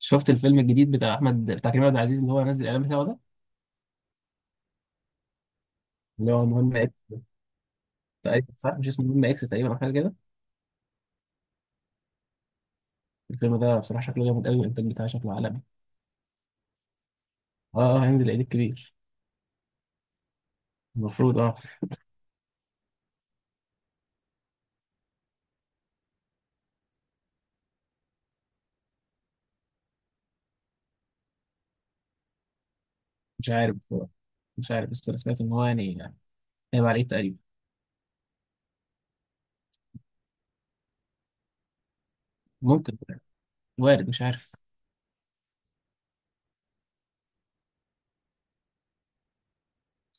شفت الفيلم الجديد بتاع كريم عبد العزيز اللي هو نزل الاعلان بتاعه ده، اللي هو مهمة اكس. تقريبا صح، مش اسمه مهمة اكس تقريبا او حاجه كده. الفيلم ده بصراحه شكله جامد قوي، والانتاج بتاعه شكله عالمي. اه اه، هينزل العيد الكبير، المفروض. اه مش عارف بصراحة. مش عارف، بس انا سمعت ان هو يعني هيبقى على العيد تقريبا. ممكن، وارد، مش عارف.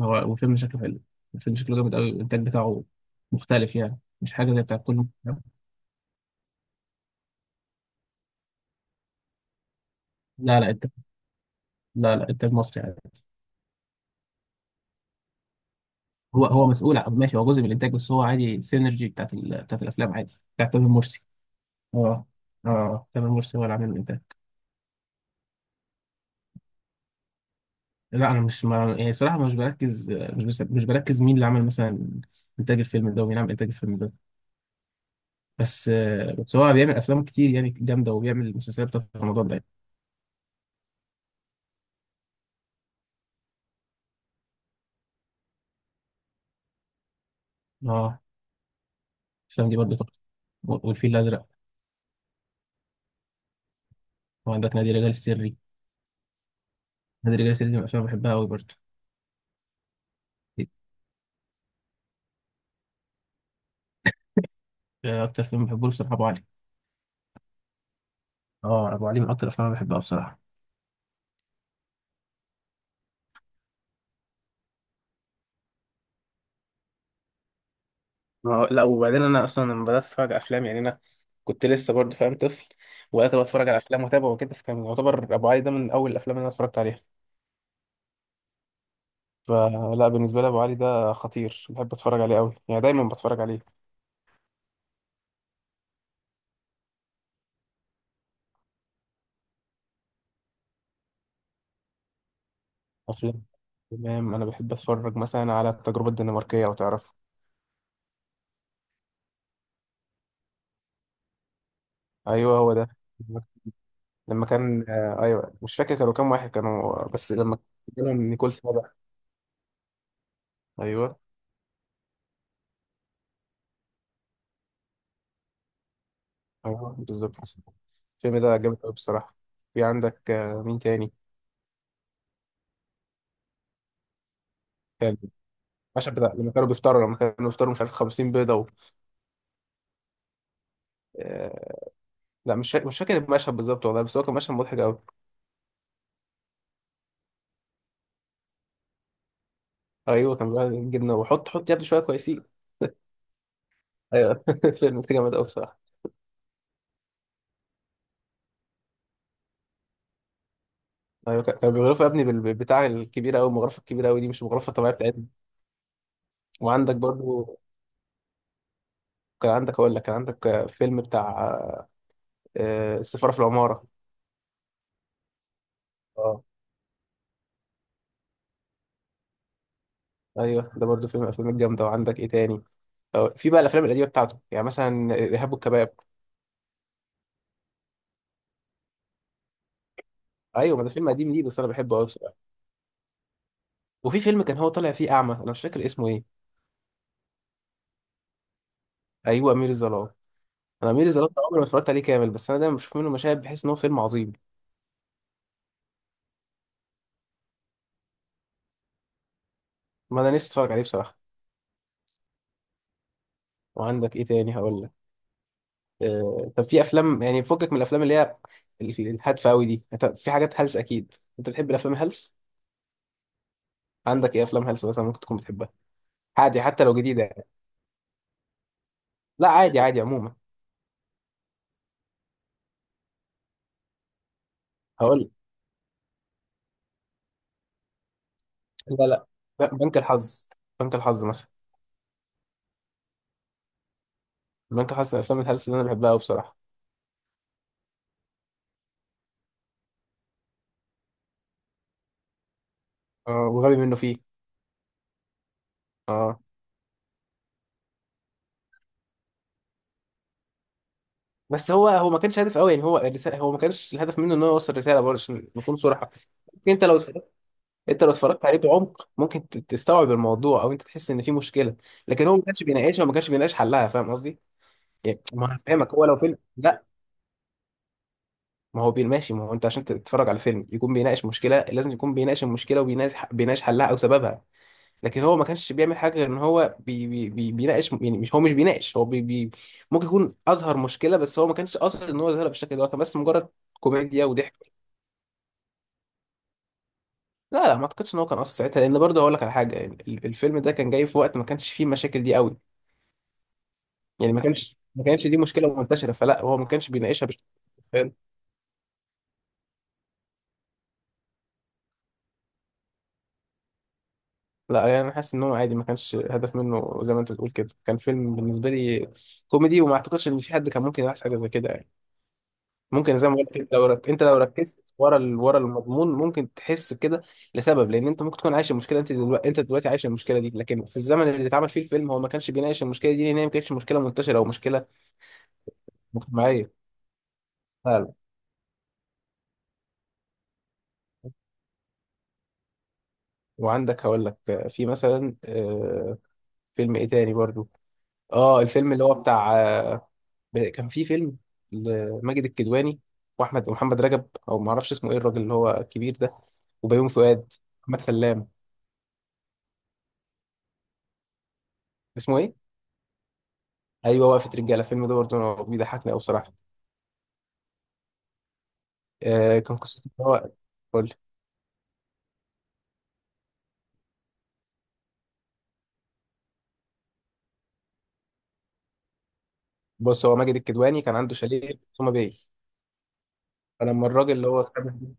هو وفيلم شكله حلو. الفيلم شكله جامد قوي، والانتاج بتاعه مختلف، يعني مش حاجه زي بتاع كل. لا لا، انتاج. لا لا، انتاج مصري عادي. هو هو مسؤول ماشي، هو جزء من الانتاج، بس هو عادي السينرجي بتاعت الافلام، عادي بتاعت تامر مرسي. اه اه، تامر مرسي هو اللي عامل الانتاج. لا انا مش ما يعني صراحه، مش بركز مش بس مش بركز مين اللي عمل مثلا انتاج الفيلم ده، ومين عمل انتاج الفيلم ده. بس هو بيعمل افلام كتير يعني جامده، وبيعمل مسلسلات بتاعت رمضان ده يعني. اه، الافلام دي برضه تحفه. والفيل الازرق. وعندك نادي الرجال السري. نادي الرجال السري دي من الافلام اللي بحبها قوي برضه. اكتر فيلم بحبه له بصراحه ابو علي. اه، ابو علي من اكتر الافلام اللي بحبها بصراحه. ما هو- لا، وبعدين انا اصلا لما بدات اتفرج على افلام، يعني انا كنت لسه برضه فاهم طفل، وبدات بقى اتفرج على افلام واتابع وكده، فكان يعتبر ابو علي ده من اول الافلام اللي انا اتفرجت عليها. فلا، بالنسبه لي ابو علي ده خطير، بحب اتفرج عليه قوي، يعني دايما بتفرج عليه. افلام تمام، انا بحب اتفرج مثلا على التجربه الدنماركيه لو تعرفه. ايوه هو ده. لما كان ايوه، مش فاكر كانوا كام واحد كانوا، بس لما كانوا نيكول سابا. ايوه، ايوه، بالظبط. الفيلم ده جامد قوي بصراحه. في عندك مين تاني. المشهد بتاع لما كانوا بيفطروا، مش عارف 50 بيضه آه... لا، مش فاكر المشهد بالظبط والله، بس هو كان مشهد مضحك قوي. ايوه كان بيقول جبنه، وحط حط يا ابني شويه كويسين. ايوه فيلم ده جامد قوي بصراحه. ايوه كانوا بيغرفوا يا ابني بتاع الكبيره قوي، المغرفه الكبيره قوي دي، مش المغرفه الطبيعيه بتاعتنا. وعندك برضو كان عندك، اقول لك، كان عندك فيلم بتاع السفاره في العماره. اه ايوه، ده برضو فيلم من الافلام الجامده. وعندك ايه تاني؟ في بقى الافلام القديمه بتاعته، يعني مثلا ارهاب والكباب. ايوه، ما ده فيلم قديم ليه، بس انا بحبه قوي. وفي فيلم كان هو طالع فيه اعمى، انا مش فاكر اسمه ايه. ايوه، امير الظلام. انا امير الظلام ده عمري ما اتفرجت عليه كامل، بس انا دايما بشوف منه مشاهد، بحس ان هو فيلم عظيم. ما انا نفسي اتفرج عليه بصراحه. وعندك ايه تاني هقول لك؟ طب في افلام يعني فكك من الافلام اللي هي الهادفه قوي دي. طب في حاجات هلس اكيد، انت بتحب الافلام الهلس. عندك ايه افلام هلس مثلا ممكن تكون بتحبها؟ عادي، حتى لو جديده يعني. لا عادي، عادي عموما، هقول لك. لا لا، بنك الحظ. بنك الحظ مثلا. بنك الحظ من الافلام الهلس اللي انا بحبها قوي بصراحه. وغبي منه فيه. اه، بس هو هو ما كانش هدف قوي يعني، هو الرساله، هو ما كانش الهدف منه ان هو يوصل رساله برضه عشان نكون صراحه. ممكن انت لو اتفرجت عليه بعمق ممكن تستوعب الموضوع، او انت تحس ان في مشكله، لكن هو ما كانش بيناقشها، وما كانش بيناقش حلها. فاهم قصدي؟ يعني ما هفهمك هو لو فيلم، لا، ما هو ماشي، ما هو انت عشان تتفرج على فيلم يكون بيناقش مشكله، لازم يكون بيناقش المشكله، وبيناقش حلها او سببها. لكن هو ما كانش بيعمل حاجه غير ان هو بي بي بي بيناقش، يعني مش هو مش بيناقش هو بي بي ممكن يكون اظهر مشكله، بس هو ما كانش قاصد ان هو يظهرها بالشكل ده، هو كان بس مجرد كوميديا وضحك. لا لا، ما اعتقدش ان هو كان قاصد ساعتها، لان برضه هقول لك على حاجه، يعني الفيلم ده كان جاي في وقت ما كانش فيه المشاكل دي قوي، يعني ما كانش دي مشكله منتشره، فلا هو ما كانش بيناقشها. فاهم؟ لا، يعني انا حاسس ان هو عادي، ما كانش هدف منه زي ما انت بتقول كده، كان فيلم بالنسبه لي كوميدي، وما اعتقدش ان في حد كان ممكن يلاحظ حاجه زي كده يعني. ممكن زي ما قلت كده، انت لو ركزت ورا ورا المضمون ممكن تحس كده، لسبب لان انت ممكن تكون عايش المشكله، انت دلوقتي عايش المشكله دي، لكن في الزمن اللي اتعمل فيه الفيلم هو ما كانش بيناقش المشكله دي، لان هي ما كانتش مشكله منتشره او مشكله مجتمعيه فعلا. وعندك، هقول لك في مثلا، فيلم ايه تاني برضو. اه الفيلم اللي هو بتاع، كان في فيلم لماجد الكدواني، واحمد، ومحمد رجب، او ما اعرفش اسمه ايه الراجل اللي هو الكبير ده، وبيومي فؤاد، محمد سلام. اسمه ايه؟ ايوه، وقفه رجاله. الفيلم ده برضو أنا بيضحكني قوي بصراحه. كان قصته ان هو، قول لي. بص، هو ماجد الكدواني كان عنده شاليه في سوما باي، فلما الراجل اللي هو صاحب،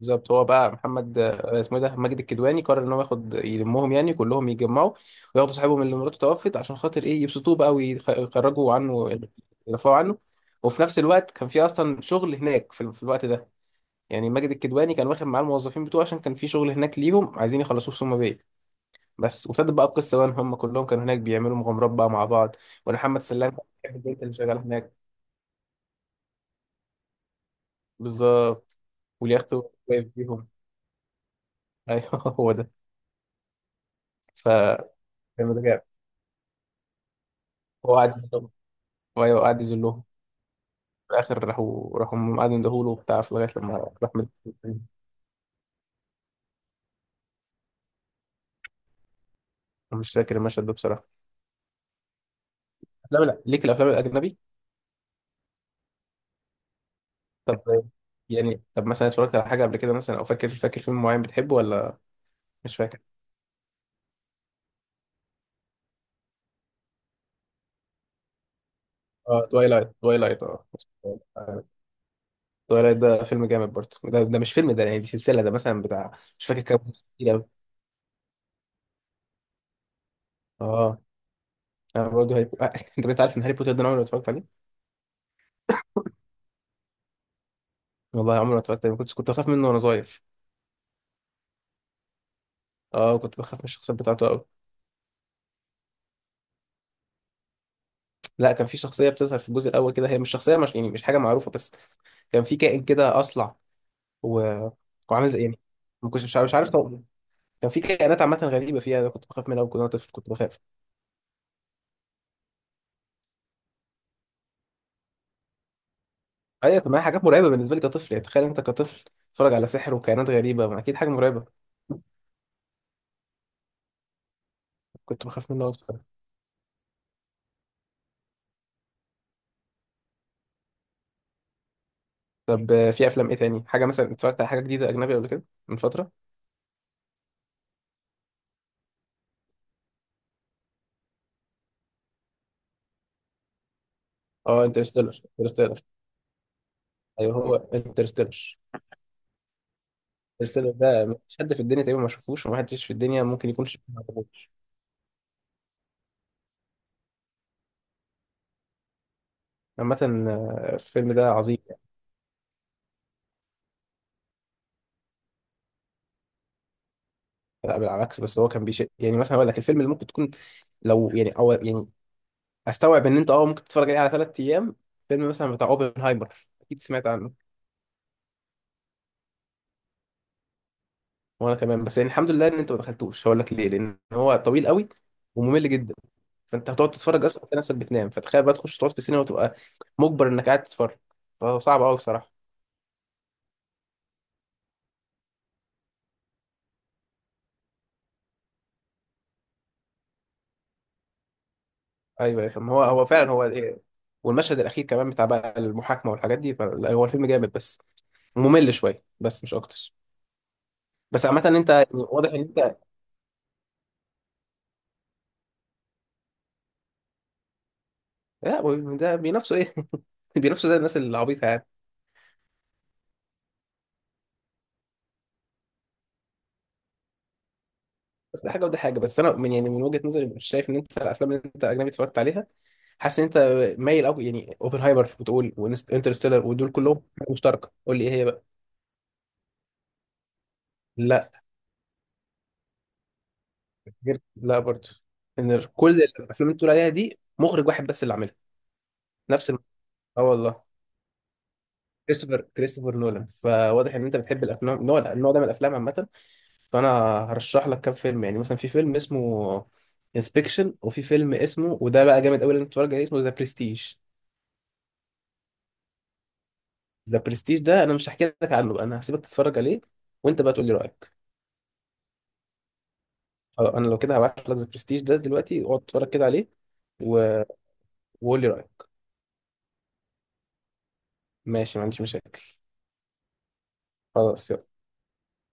بالظبط، هو بقى محمد آه، اسمه إيه ده، ماجد الكدواني قرر ان هو ياخد يلمهم، يعني كلهم يتجمعوا وياخدوا صاحبهم اللي مراته توفت عشان خاطر ايه، يبسطوه بقى ويخرجوا عنه، يرفعوا عنه. وفي نفس الوقت كان في اصلا شغل هناك في الوقت ده، يعني ماجد الكدواني كان واخد معاه الموظفين بتوعه عشان كان في شغل هناك ليهم عايزين يخلصوه في سوما باي بس. وابتدت بقى القصه بقى ان هم كلهم كانوا هناك بيعملوا مغامرات بقى مع بعض، وان محمد سلام كان بيحب البنت اللي شغاله هناك. بالظبط، واليخت واقف بيهم ايوه هو ده. ف كان ده جامد. هو قاعد، وايوه قعد يذلهم، في الاخر راحوا قعدوا يندهوله وبتاع في لغايه لما راح مش فاكر المشهد ده بصراحه. لا لا، ليك الافلام الاجنبي. طب، مثلا اتفرجت على حاجه قبل كده مثلا، او فاكر فيلم معين بتحبه ولا؟ مش فاكر. اه، توايلايت، توايلايت اه توايلايت ده فيلم جامد برضه، ده مش فيلم ده يعني، دي سلسله ده مثلا بتاع مش فاكر كام جزء، كتير قوي. اه، انا برضه هاري بوتر انت عارف ان هاري بوتر ده انا عمري ما اتفرجت عليه. والله عمري ما اتفرجت عليه، كنت بخاف منه وانا صغير. اه، كنت بخاف من الشخصيات بتاعته قوي. لا، كان في شخصية بتظهر في الجزء الأول كده، هي مش شخصية، مش يعني مش حاجة معروفة، بس كان في كائن كده أصلع و... وعامل زي يعني، ما كنتش، مش عارف طبعا. كان في كائنات عامة غريبة فيها، أنا كنت بخاف منها، وكنت وأنا طفل كنت بخاف. أيوة، كان معايا حاجات مرعبة بالنسبة لي كطفل يعني، تخيل أنت كطفل تتفرج على سحر وكائنات غريبة، ما أكيد حاجة مرعبة. كنت بخاف منها أكتر. طب في أفلام إيه تاني؟ حاجة مثلا اتفرجت على حاجة جديدة أجنبي قبل كده من فترة؟ أه، انترستيلر، انترستيلر. أيوه، هو انترستيلر. انترستيلر ده مفيش حد في الدنيا تقريبا ما شافوش، ومحدش في الدنيا ممكن يكون شاف. عامة الفيلم ده عظيم يعني. لا بالعكس، بس هو كان يعني، مثلا اقول لك الفيلم اللي ممكن تكون لو يعني او يعني استوعب ان انت ممكن تتفرج عليه على ثلاث ايام، فيلم مثلا بتاع اوبنهايمر، اكيد سمعت عنه. وانا كمان، بس يعني الحمد لله ان انت ما دخلتوش، هقول لك ليه، لان هو طويل قوي وممل جدا، فانت هتقعد تتفرج اصلا تلاقي نفسك بتنام، فتخيل بقى تخش تقعد في السينما وتبقى مجبر انك قاعد تتفرج، فهو صعب قوي بصراحة. ايوه يا فاهم، هو هو فعلا هو إيه. والمشهد الاخير كمان بتاع بقى المحاكمة والحاجات دي، فهو الفيلم جامد، بس ممل شوية بس، مش اكتر. بس عامة انت يعني واضح ان انت. لا، هو ده بينافسوا ايه؟ بينافسوا زي الناس العبيطة يعني. بس ده حاجة وده حاجة، بس انا من وجهة نظري مش شايف ان انت الافلام اللي انت اجنبي اتفرجت عليها، حاسس ان انت مايل قوي، يعني اوبنهايمر بتقول وانترستيلر، ودول كلهم حاجة مشتركة، قول لي ايه هي بقى؟ لا، غير، لا برضه، ان كل الافلام اللي بتقول عليها دي مخرج واحد بس اللي عاملها، نفس الم... اه والله. كريستوفر نولان، فواضح ان انت بتحب الافلام النوع ده من الافلام عامة، فانا هرشح لك كام فيلم، يعني مثلا في فيلم اسمه انسبكشن، وفي فيلم اسمه، وده بقى جامد قوي لازم تتفرج عليه، اسمه ذا برستيج. ذا برستيج ده انا مش هحكي لك عنه بقى، انا هسيبك تتفرج عليه، وانت بقى تقول لي رايك. خلاص، انا لو كده هبعت لك ذا برستيج ده دلوقتي، اقعد تتفرج كده عليه، و... وقول لي رايك. ماشي، ما عنديش مشاكل. خلاص، يلا.